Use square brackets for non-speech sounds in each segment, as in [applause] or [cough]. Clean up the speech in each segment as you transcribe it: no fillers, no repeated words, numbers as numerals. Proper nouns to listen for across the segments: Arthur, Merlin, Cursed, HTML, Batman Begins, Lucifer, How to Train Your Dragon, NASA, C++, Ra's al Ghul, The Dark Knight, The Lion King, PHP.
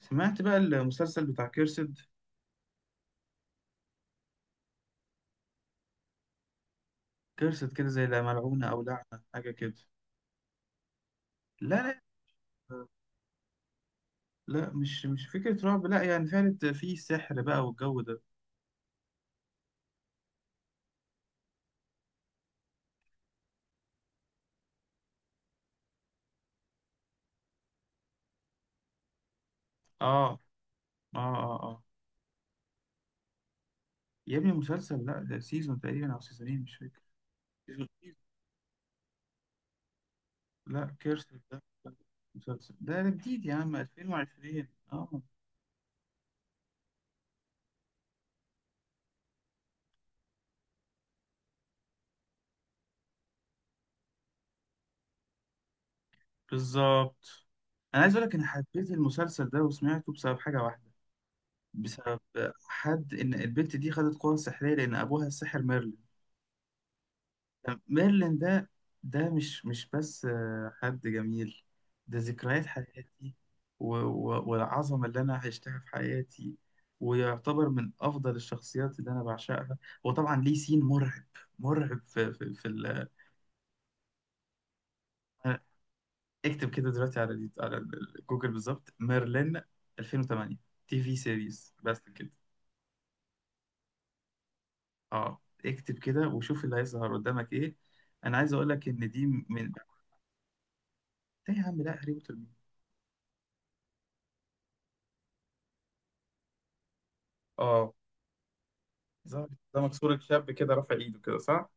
سمعت بقى المسلسل بتاع كيرسد. كيرسد كده زي لا ملعونة أو لعنة، حاجة كده. لا لا لا، مش فكرة رعب، لا يعني فعلا في سحر بقى والجو ده. آه آه آه آه، يا ابني مسلسل، لا ده سيزون تقريبا أو سيزونين مش فاكر. سيزون. لا كيرسد ده مسلسل، ده جديد يا عم، 2020. آه، بالظبط. أنا عايز أقول لك أنا حبيت المسلسل ده وسمعته بسبب حاجة واحدة. بسبب حد، إن البنت دي خدت قوة سحرية لأن أبوها الساحر ميرلين. طب ميرلين ده، ده مش بس حد جميل. ده ذكريات حياتي، والعظمة اللي أنا عشتها في حياتي. ويعتبر من أفضل الشخصيات اللي أنا بعشقها. وطبعا ليه سين مرعب. مرعب في اكتب كده دلوقتي على جوجل بالظبط، ميرلين 2008 تي في سيريز بس كده. اه اكتب كده وشوف اللي هيظهر قدامك ايه. انا عايز اقول لك ان دي من، ايه يا عم؟ لا هاري بوتر مين؟ اه، ده ده مكسور الشاب كده رافع ايده كده، صح.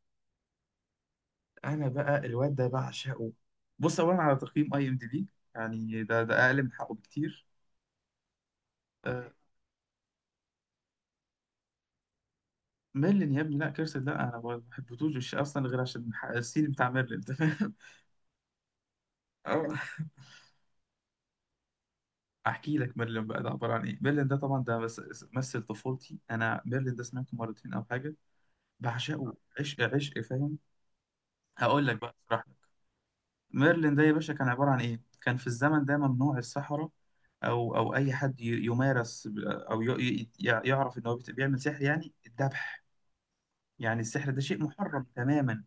انا بقى الواد ده بعشقه. بص اولا على تقييم اي ام دي بي. يعني ده اقل من حقه بكتير. أه. ميرلين يا ابني، لا كيرسل لا انا ما بحبتوش، مش اصلا غير عشان السين بتاع ميرلين، تمام. [laughs] أه. احكي لك ميرلين بقى ده عباره عن ايه. ميرلين ده طبعا ده مثل طفولتي، انا ميرلين ده سمعته مرتين او حاجه. بعشقه، عشق، فاهم. هقول لك بقى، اشرح لك. ميرلين ده يا باشا كان عبارة عن إيه؟ كان في الزمن ده ممنوع السحرة، أو أي حد يمارس ب- أو ي- ي- يع- يعرف إن هو بيعمل سحر، يعني الذبح. يعني السحر ده شيء محرم تماما.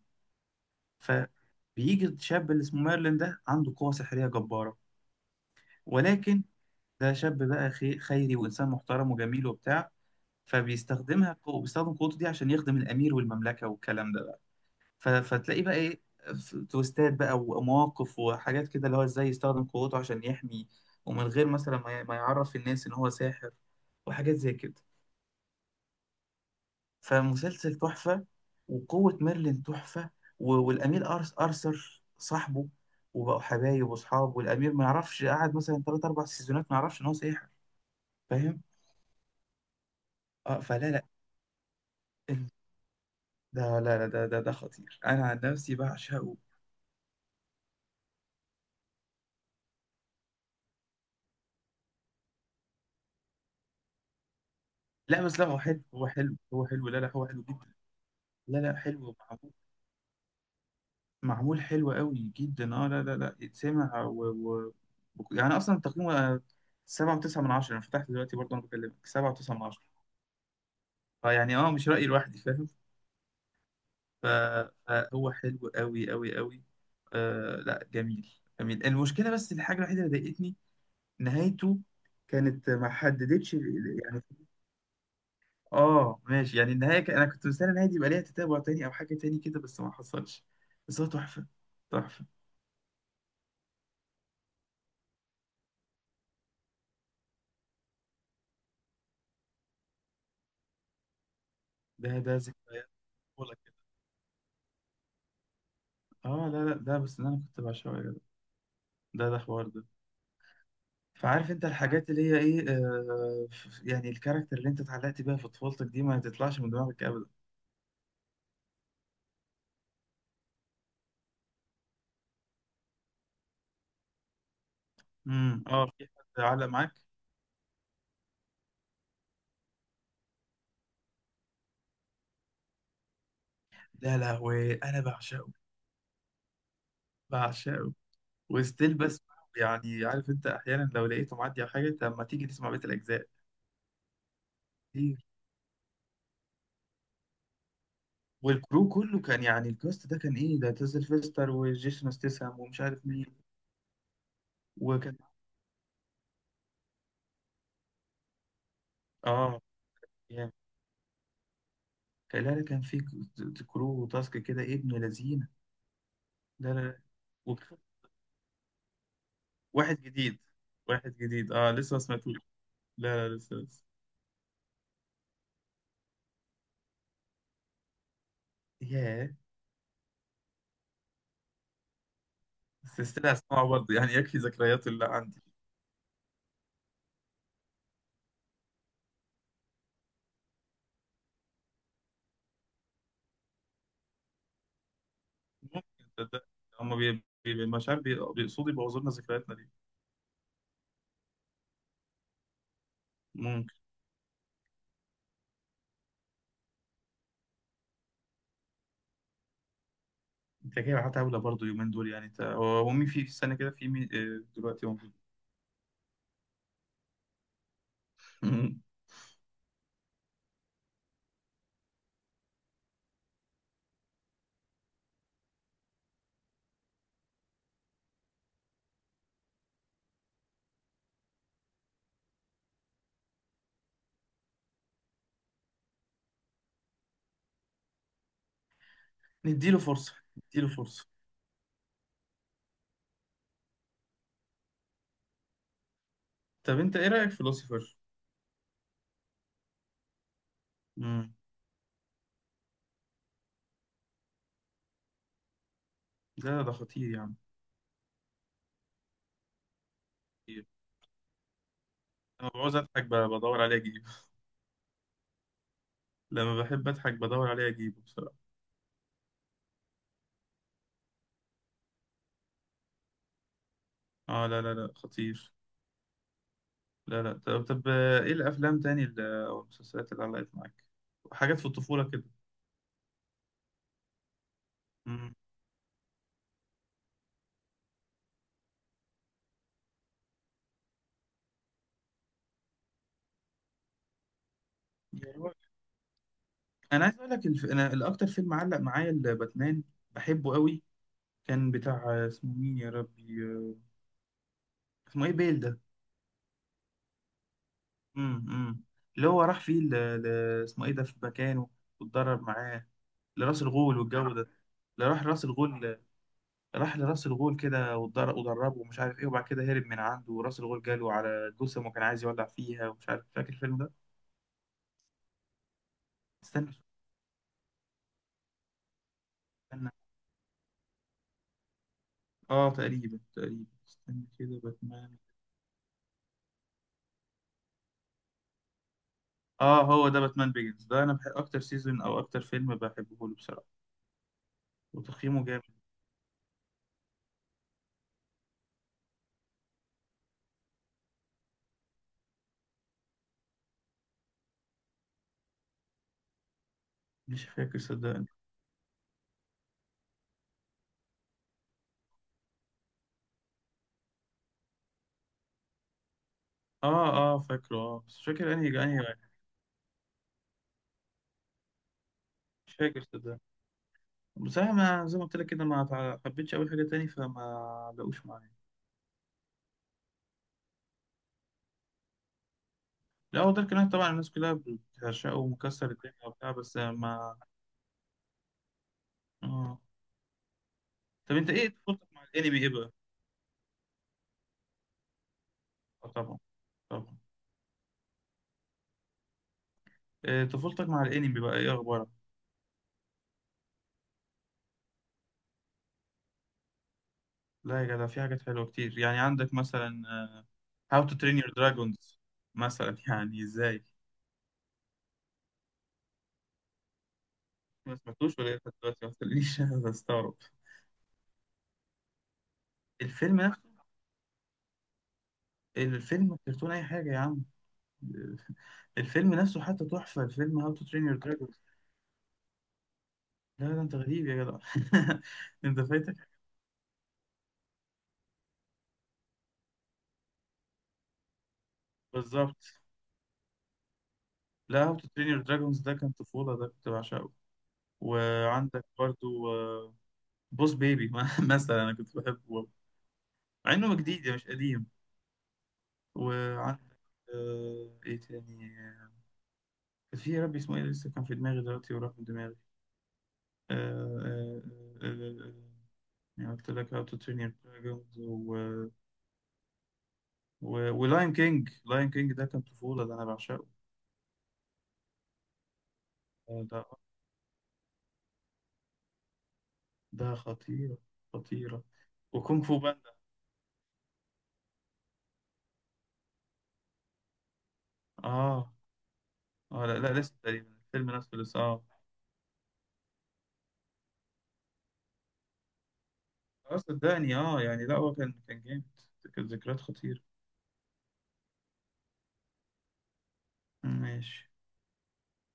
فبيجي الشاب اللي اسمه ميرلين ده عنده قوة سحرية جبارة. ولكن ده شاب بقى خيري وإنسان محترم وجميل وبتاع. فبيستخدمها، بيستخدم قوته دي عشان يخدم الأمير والمملكة والكلام ده. فتلاقي بقى ايه، تويستات بقى ومواقف وحاجات كده، اللي هو ازاي يستخدم قوته عشان يحمي. ومن غير مثلا ما يعرف الناس ان هو ساحر، وحاجات زي كده. فمسلسل تحفة، وقوة ميرلين تحفة. والأمير أرس أرثر صاحبه، وبقوا حبايب وأصحاب، والأمير ما يعرفش، قعد مثلا تلات أربع سيزونات ما يعرفش إن هو ساحر. فاهم؟ اه. فلا لا ال- ده لا لا، ده خطير، أنا عن نفسي بعشقه. لا بس، لا هو حلو هو حلو، لا لا هو حلو جدا. لا لا حلو، معمول حلو قوي جدا. اه لا يتسمع و... يعني اصلا تقييمه سبعة وتسعة من عشرة، انا فتحت دلوقتي برضه انا بكلمك، سبعة وتسعة من عشرة. فيعني اه مش رأيي لوحدي، فاهم. ف- فهو حلو قوي. آه لا جميل، جميل. المشكلة بس الحاجة الوحيدة اللي ضايقتني، نهايته. كانت ما حددتش يعني. اه ماشي، يعني النهاية انا كنت مستني النهاية دي يبقى ليها تتابع تاني او حاجة تاني كده، بس ما حصلش. بس هو تحفة، تحفة. ده ده ذكريات. اه لا لا، ده بس ده انا كنت بعشقه يا جدع. ده حوار ده. فعارف انت الحاجات اللي هي ايه، يعني الكاركتر اللي انت اتعلقت بيها في طفولتك دي ما تطلعش من دماغك ابدا. اه، في حد علق معاك؟ لا لا، وانا بعشقه، بعشقه. وستيل بسمعه، يعني عارف انت احيانا لو لقيته معدي على حاجه، طب ما تيجي تسمع بقيه الاجزاء. كتير. والكرو كله كان، يعني الكاست ده كان ايه، ده تيزل فيستر وجيسون ستيسام ومش عارف مين. وكان، اه يعني كان، لا لا، كان في كرو وتاسك كده ابن لذينه. لا لا. وك- واحد جديد، واحد جديد، اه لسه ما سمعتوش. لا لا لسه، لسه. ياه. بس استنى اسمعه برضه، يعني يكفي ذكريات اللي عندي. ممكن. تصدق، هم مش عارف بيقصدوا يبوظوا لنا ذكرياتنا دي. ممكن. انت جاي معاه طاوله برضه يومين دول، يعني انت هو مين في في السنه كده، في مين دلوقتي موجود. [laughs] مم. نديله فرصه، نديله فرصه. طب انت ايه رايك في لوسيفر؟ امم ده ده خطير يعني، خطير. انا بعوز اضحك، بدور عليه اجيبه. لما بحب اضحك بدور عليه اجيبه. اه لا لا لا خطير. لا لا، طب طب ايه الافلام تاني او المسلسلات اللي علقت معاك، حاجات في الطفولة كده. مم. يا راجل. انا عايز اقول لك انا الاكتر فيلم علق معايا الباتمان، بحبه قوي. كان بتاع اسمه مين يا ربي، اسمه ايه بيل ده. امم. اللي هو راح فيه ل... اسمه ايه ده في مكانه، واتدرب معاه. لراس الغول والجو ده. اللي راح راس الغول، راح لراس الغول كده ودربه ومش عارف ايه، وبعد كده هرب من عنده، وراس الغول جاله على جثم وكان عايز يولع فيها ومش عارف، فاكر الفيلم ده؟ استنى، استنى، اه تقريبا تقريبا، استنى كده، باتمان. اه هو ده باتمان بيجنز، ده انا بحب اكتر سيزون او اكتر فيلم بحبه له بصراحه. وتقييمه جامد. مش فاكر صدقني. اه اه فاكره، اه بس مش فاكر انهي انهي واحد. مش فاكر صدقني بصراحه، ما زي ما قلت لك كده ما حبيتش اول حاجه تاني فما لقوش معايا. لا هو دارك نايت طبعا، الناس كلها بتعشقه ومكسر الدنيا وبتاع، بس ما اه. طب انت ايه طفولتك مع الانمي ايه بقى؟ اه طبعا، طبعا. طفولتك مع الانمي بقى ايه اخبارك؟ لا يا جدع في حاجات حلوه كتير، يعني عندك مثلا هاو تو ترين يور دراجونز مثلا. [laughs] يعني ازاي؟ ما سمعتوش ولا ايه لحد دلوقتي؟ ما تخلينيش [laughs] استغرب. الفيلم نفسه. الفيلم كرتون اي حاجه يا عم. [laughs] الفيلم نفسه حتى تحفه، الفيلم هاو تو ترين يور دراجونز. لا ده انت غريب يا جدع. [laughs] انت فايتك. بالظبط. لا هاو تو ترين يور دراجونز ده كان طفوله، ده كنت بعشقه. وعندك برضو بوس بيبي [laughs] مثلا، انا كنت بحبه. مع انه جديد يعني مش قديم. وعندك آه ايه تاني، كان في يا ربي اسمه ايه، لسه كان في دماغي دلوقتي وراح من دماغي. آه آه آه آه يعني قلت لك هاو تو ترين يور دراجونز و ولاين كينج. لاين كينج ده كان طفولة، ده انا بعشقه. ده، ده خطيرة، خطيرة. وكونغ فو باندا. اه اه لا لا لسه، تقريبا الفيلم نفسه لسه اه. صدقني اه، يعني لا هو كان كان جامد، كانت ذكريات خطيرة. ماشي.